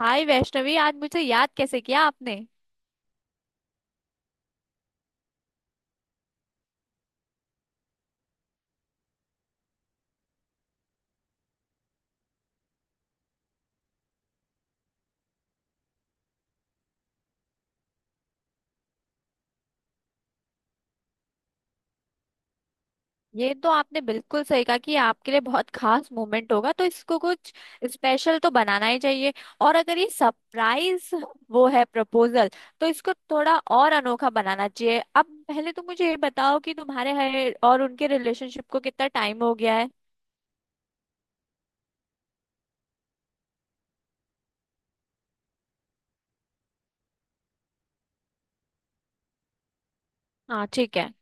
हाय वैष्णवी, आज मुझे याद कैसे किया आपने। ये तो आपने बिल्कुल सही कहा कि ये आपके लिए बहुत खास मोमेंट होगा, तो इसको कुछ स्पेशल तो बनाना ही चाहिए। और अगर ये सरप्राइज वो है प्रपोजल, तो इसको थोड़ा और अनोखा बनाना चाहिए। अब पहले तो मुझे ये बताओ कि तुम्हारे है और उनके रिलेशनशिप को कितना टाइम हो गया है। हाँ ठीक है।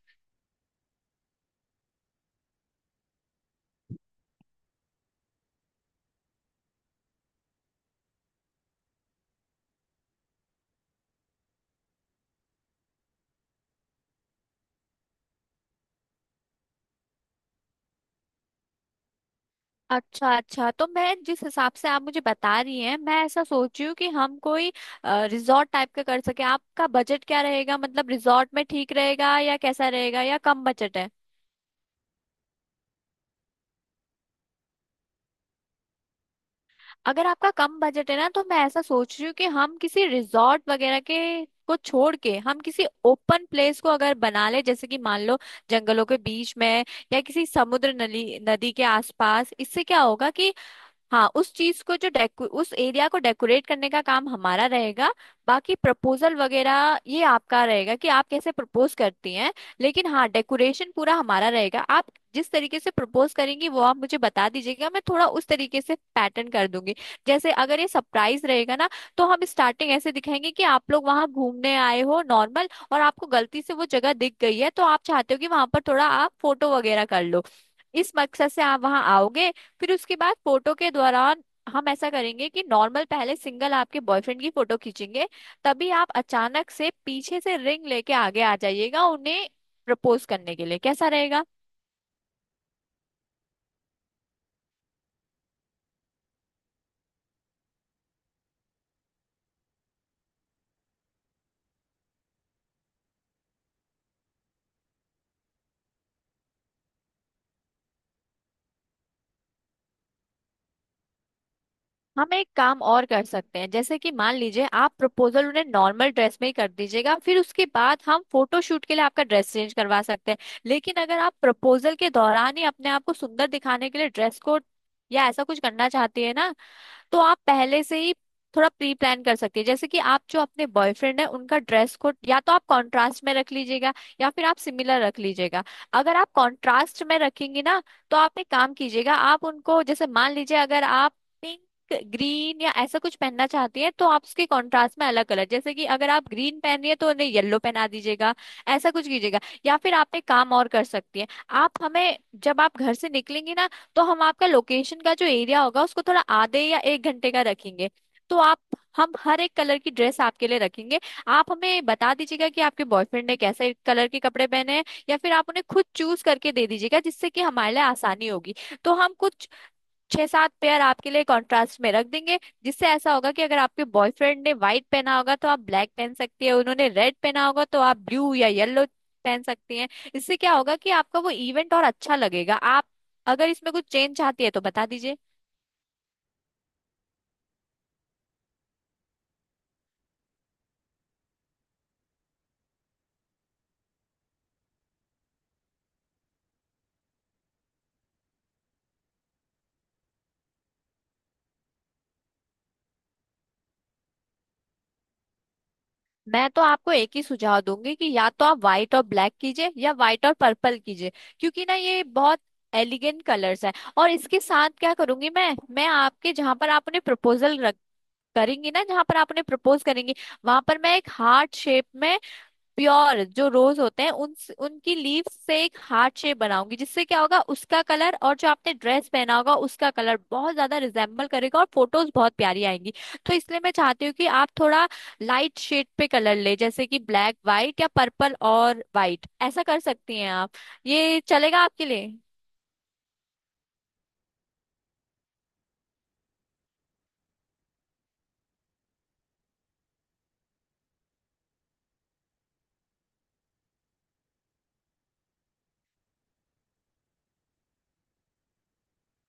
अच्छा अच्छा, तो मैं जिस हिसाब से आप मुझे बता रही हैं, मैं ऐसा सोच रही हूँ कि हम कोई रिजॉर्ट टाइप का कर सके। आपका बजट क्या रहेगा, मतलब रिजॉर्ट में ठीक रहेगा या कैसा रहेगा, या कम बजट है। अगर आपका कम बजट है ना, तो मैं ऐसा सोच रही हूँ कि हम किसी रिजॉर्ट वगैरह के को छोड़ के हम किसी ओपन प्लेस को अगर बना ले, जैसे कि मान लो जंगलों के बीच में, या किसी समुद्र नली नदी के आसपास। इससे क्या होगा कि हाँ, उस चीज को जो डेको उस एरिया को डेकोरेट करने का काम हमारा रहेगा, बाकी प्रपोजल वगैरह ये आपका रहेगा कि आप कैसे प्रपोज करती हैं। लेकिन हाँ, डेकोरेशन पूरा हमारा रहेगा। आप जिस तरीके से प्रपोज करेंगी, वो आप मुझे बता दीजिएगा, मैं थोड़ा उस तरीके से पैटर्न कर दूंगी। जैसे अगर ये सरप्राइज रहेगा ना, तो हम स्टार्टिंग ऐसे दिखाएंगे कि आप लोग वहां घूमने आए हो नॉर्मल, और आपको गलती से वो जगह दिख गई है, तो आप चाहते हो कि वहां पर थोड़ा आप फोटो वगैरह कर लो। इस मकसद से आप वहां आओगे। फिर उसके बाद फोटो के दौरान हम ऐसा करेंगे कि नॉर्मल पहले सिंगल आपके बॉयफ्रेंड की फोटो खींचेंगे, तभी आप अचानक से पीछे से रिंग लेके आगे आ जाइएगा उन्हें प्रपोज करने के लिए। कैसा रहेगा? हम एक काम और कर सकते हैं, जैसे कि मान लीजिए आप प्रपोजल उन्हें नॉर्मल ड्रेस में ही कर दीजिएगा, फिर उसके बाद हम फोटो शूट के लिए आपका ड्रेस चेंज करवा सकते हैं। लेकिन अगर आप प्रपोजल के दौरान ही अपने आप को सुंदर दिखाने के लिए ड्रेस कोड या ऐसा कुछ करना चाहती है ना, तो आप पहले से ही थोड़ा प्री प्लान कर सकती है। जैसे कि आप जो अपने बॉयफ्रेंड है, उनका ड्रेस कोड या तो आप कंट्रास्ट में रख लीजिएगा, या फिर आप सिमिलर रख लीजिएगा। अगर आप कंट्रास्ट में रखेंगी ना, तो आप एक काम कीजिएगा, आप उनको जैसे मान लीजिए अगर आप पिंक ग्रीन या ऐसा कुछ पहनना चाहती हैं, तो आप उसके कंट्रास्ट में अलग कलर, जैसे कि अगर आप ग्रीन पहन रही है तो उन्हें येलो पहना दीजिएगा। ऐसा कुछ कीजिएगा। या फिर आप एक काम और कर सकती हैं, आप हमें, जब आप घर से निकलेंगी ना, तो हम आपका लोकेशन का जो एरिया होगा उसको थोड़ा आधे या 1 घंटे का रखेंगे। तो आप, हम हर एक कलर की ड्रेस आपके लिए रखेंगे। आप हमें बता दीजिएगा कि आपके बॉयफ्रेंड ने कैसे कलर के कपड़े पहने हैं, या फिर आप उन्हें खुद चूज करके दे दीजिएगा, जिससे कि हमारे लिए आसानी होगी। तो हम कुछ 6-7 पेयर आपके लिए कॉन्ट्रास्ट में रख देंगे, जिससे ऐसा होगा कि अगर आपके बॉयफ्रेंड ने व्हाइट पहना होगा तो आप ब्लैक पहन सकती है, उन्होंने रेड पहना होगा तो आप ब्लू या येलो पहन सकती हैं। इससे क्या होगा कि आपका वो इवेंट और अच्छा लगेगा। आप अगर इसमें कुछ चेंज चाहती है तो बता दीजिए। मैं तो आपको एक ही सुझाव दूंगी कि या तो आप व्हाइट और ब्लैक कीजिए, या व्हाइट और पर्पल कीजिए, क्योंकि ना ये बहुत एलिगेंट कलर्स है। और इसके साथ क्या करूंगी मैं आपके जहां पर आप उन्हें प्रपोजल करेंगी ना, जहां पर आपने प्रपोज करेंगी, वहां पर मैं एक हार्ट शेप में प्योर जो रोज होते हैं उन, उनकी लीव से एक हार्ट शेप बनाऊंगी, जिससे क्या होगा उसका कलर और जो आपने ड्रेस पहना होगा उसका कलर बहुत ज्यादा रिजेम्बल करेगा और फोटोज बहुत प्यारी आएंगी। तो इसलिए मैं चाहती हूँ कि आप थोड़ा लाइट शेड पे कलर ले, जैसे कि ब्लैक वाइट या पर्पल और वाइट, ऐसा कर सकती हैं आप। ये चलेगा आपके लिए?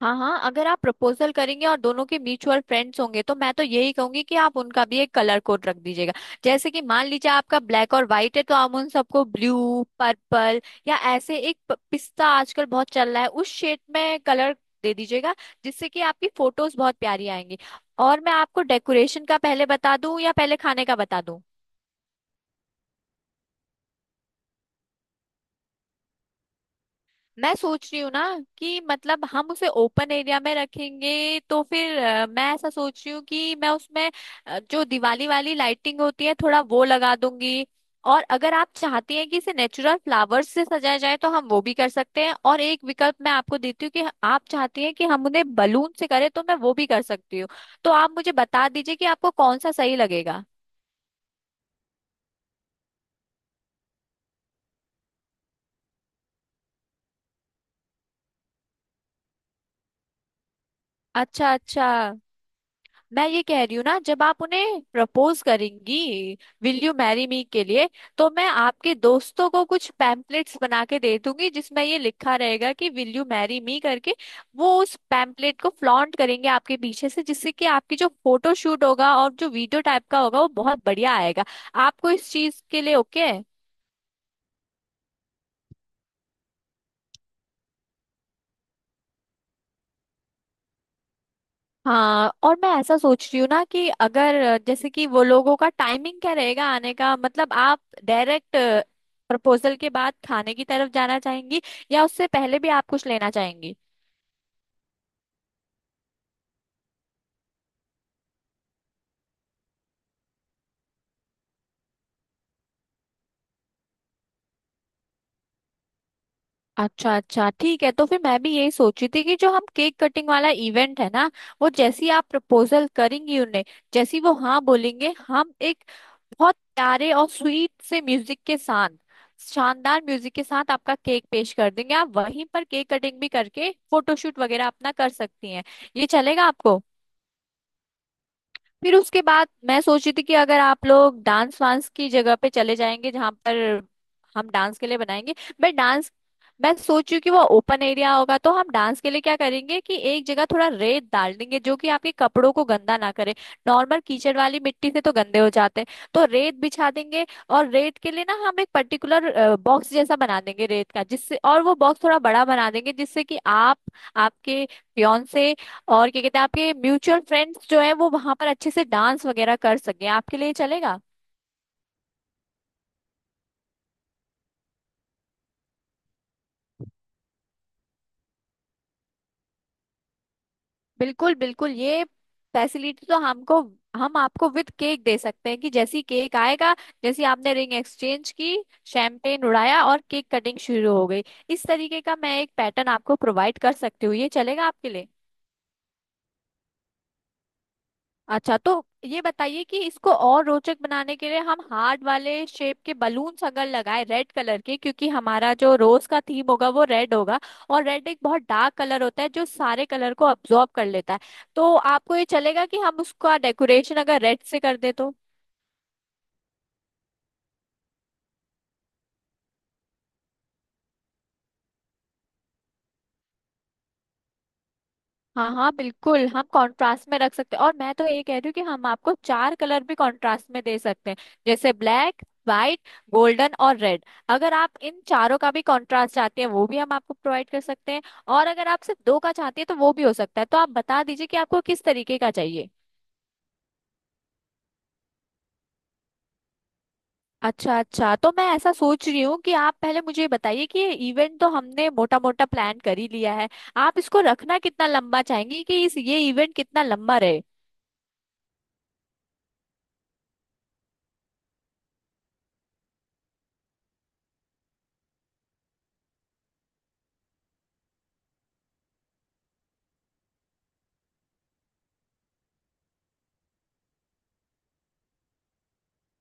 हाँ हाँ, अगर आप प्रपोजल करेंगे और दोनों के म्यूचुअल फ्रेंड्स होंगे, तो मैं तो यही कहूंगी कि आप उनका भी एक कलर कोड रख दीजिएगा। जैसे कि मान लीजिए आपका ब्लैक और व्हाइट है, तो आप उन सबको ब्लू पर्पल या ऐसे एक पिस्ता आजकल बहुत चल रहा है, उस शेड में कलर दे दीजिएगा, जिससे कि आपकी फोटोज बहुत प्यारी आएंगी। और मैं आपको डेकोरेशन का पहले बता दूं या पहले खाने का बता दूं? मैं सोच रही हूँ ना कि मतलब हम उसे ओपन एरिया में रखेंगे, तो फिर मैं ऐसा सोच रही हूँ कि मैं उसमें जो दिवाली वाली लाइटिंग होती है थोड़ा वो लगा दूंगी। और अगर आप चाहती हैं कि इसे नेचुरल फ्लावर्स से सजाया जाए तो हम वो भी कर सकते हैं, और एक विकल्प मैं आपको देती हूँ कि आप चाहती हैं कि हम उन्हें बलून से करें तो मैं वो भी कर सकती हूँ। तो आप मुझे बता दीजिए कि आपको कौन सा सही लगेगा। अच्छा अच्छा, मैं ये कह रही हूँ ना, जब आप उन्हें प्रपोज करेंगी, विल यू मैरी मी के लिए, तो मैं आपके दोस्तों को कुछ पैम्पलेट्स बना के दे दूंगी, जिसमें ये लिखा रहेगा कि विल यू मैरी मी करके। वो उस पैम्पलेट को फ्लॉन्ट करेंगे आपके पीछे से, जिससे कि आपकी जो फोटो शूट होगा और जो वीडियो टाइप का होगा वो बहुत बढ़िया आएगा। आपको इस चीज के लिए ओके है? हाँ, और मैं ऐसा सोच रही हूँ ना, कि अगर जैसे कि वो लोगों का टाइमिंग क्या रहेगा आने का, मतलब आप डायरेक्ट प्रपोजल के बाद खाने की तरफ जाना चाहेंगी, या उससे पहले भी आप कुछ लेना चाहेंगी। अच्छा अच्छा ठीक है, तो फिर मैं भी यही सोची थी कि जो हम केक कटिंग वाला इवेंट है ना, वो जैसी आप प्रपोजल करेंगी उन्हें, जैसी वो हाँ बोलेंगे, हम एक बहुत प्यारे और स्वीट से म्यूजिक के साथ, शानदार म्यूजिक के साथ आपका केक पेश कर देंगे। आप वहीं पर केक कटिंग भी करके फोटोशूट वगैरह अपना कर सकती हैं। ये चलेगा आपको? फिर उसके बाद मैं सोची थी कि अगर आप लोग डांस वांस की जगह पे चले जाएंगे, जहां पर हम डांस के लिए बनाएंगे। मैं डांस, मैं सोचू कि वो ओपन एरिया होगा तो हम डांस के लिए क्या करेंगे कि एक जगह थोड़ा रेत डाल देंगे, जो कि आपके कपड़ों को गंदा ना करे। नॉर्मल कीचड़ वाली मिट्टी से तो गंदे हो जाते हैं, तो रेत बिछा देंगे, और रेत के लिए ना हम एक पर्टिकुलर बॉक्स जैसा बना देंगे रेत का, जिससे, और वो बॉक्स थोड़ा बड़ा बना देंगे, जिससे कि आप, आपके फियांसे, और क्या कहते हैं, आपके म्यूचुअल फ्रेंड्स जो है वो वहां पर अच्छे से डांस वगैरह कर सके। आपके लिए चलेगा? बिल्कुल बिल्कुल, ये फैसिलिटी तो हमको, हम आपको विद केक दे सकते हैं कि जैसी केक आएगा, जैसी आपने रिंग एक्सचेंज की, शैम्पेन उड़ाया और केक कटिंग शुरू हो गई। इस तरीके का मैं एक पैटर्न आपको प्रोवाइड कर सकती हूँ। ये चलेगा आपके लिए? अच्छा, तो ये बताइए कि इसको और रोचक बनाने के लिए हम हार्ट वाले शेप के बलून्स अगर लगाए रेड कलर के, क्योंकि हमारा जो रोज का थीम होगा वो रेड होगा, और रेड एक बहुत डार्क कलर होता है जो सारे कलर को अब्जॉर्ब कर लेता है, तो आपको ये चलेगा कि हम उसका डेकोरेशन अगर रेड से कर दे तो? हाँ हाँ बिल्कुल, हम कंट्रास्ट में रख सकते हैं, और मैं तो ये कह रही हूँ कि हम आपको चार कलर भी कंट्रास्ट में दे सकते हैं, जैसे ब्लैक व्हाइट गोल्डन और रेड। अगर आप इन चारों का भी कंट्रास्ट चाहते हैं, वो भी हम आपको प्रोवाइड कर सकते हैं, और अगर आप सिर्फ दो का चाहते हैं तो वो भी हो सकता है। तो आप बता दीजिए कि आपको किस तरीके का चाहिए। अच्छा अच्छा, तो मैं ऐसा सोच रही हूँ कि आप पहले मुझे ये बताइए कि ये इवेंट तो हमने मोटा मोटा प्लान कर ही लिया है। आप इसको रखना कितना लंबा चाहेंगी, कि इस ये इवेंट कितना लंबा रहे?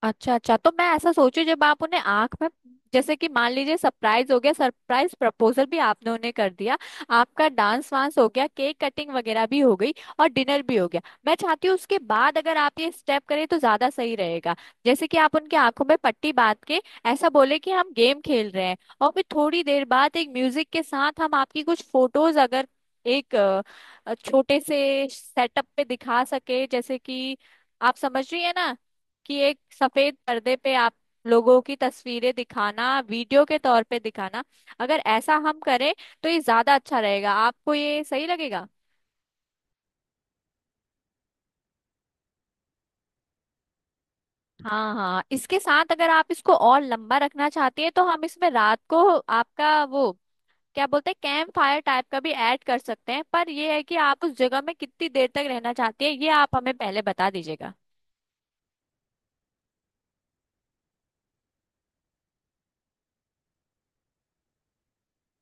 अच्छा अच्छा, तो मैं ऐसा सोचू, जब आप उन्हें आंख में, जैसे कि मान लीजिए सरप्राइज हो गया, सरप्राइज प्रपोजल भी आपने उन्हें कर दिया, आपका डांस वांस हो गया, केक कटिंग वगैरह भी हो गई, और डिनर भी हो गया। मैं चाहती हूँ उसके बाद अगर आप ये स्टेप करें तो ज्यादा सही रहेगा, जैसे कि आप उनकी आंखों में पट्टी बांध के ऐसा बोले कि हम गेम खेल रहे हैं, और फिर थोड़ी देर बाद एक म्यूजिक के साथ हम आपकी कुछ फोटोज अगर एक छोटे से सेटअप पे दिखा सके, जैसे कि, आप समझ रही है ना, कि एक सफेद पर्दे पे आप लोगों की तस्वीरें दिखाना, वीडियो के तौर पे दिखाना, अगर ऐसा हम करें, तो ये ज्यादा अच्छा रहेगा। आपको ये सही लगेगा? हाँ हाँ, इसके साथ अगर आप इसको और लंबा रखना चाहती हैं, तो हम इसमें रात को आपका वो, क्या बोलते हैं, कैंप फायर टाइप का भी ऐड कर सकते हैं। पर यह है कि आप उस जगह में कितनी देर तक रहना चाहती हैं, ये आप हमें पहले बता दीजिएगा।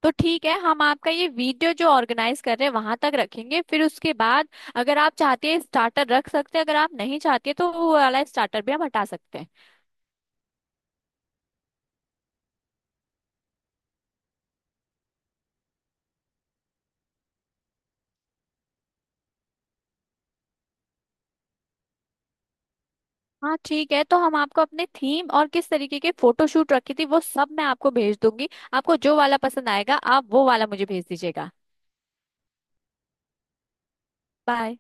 तो ठीक है, हम आपका ये वीडियो जो ऑर्गेनाइज कर रहे हैं वहां तक रखेंगे, फिर उसके बाद अगर आप चाहते हैं स्टार्टर रख सकते हैं, अगर आप नहीं चाहते तो वो वाला स्टार्टर भी हम हटा सकते हैं। हाँ ठीक है, तो हम आपको अपने थीम और किस तरीके के फोटोशूट रखी थी वो सब मैं आपको भेज दूंगी, आपको जो वाला पसंद आएगा आप वो वाला मुझे भेज दीजिएगा। बाय।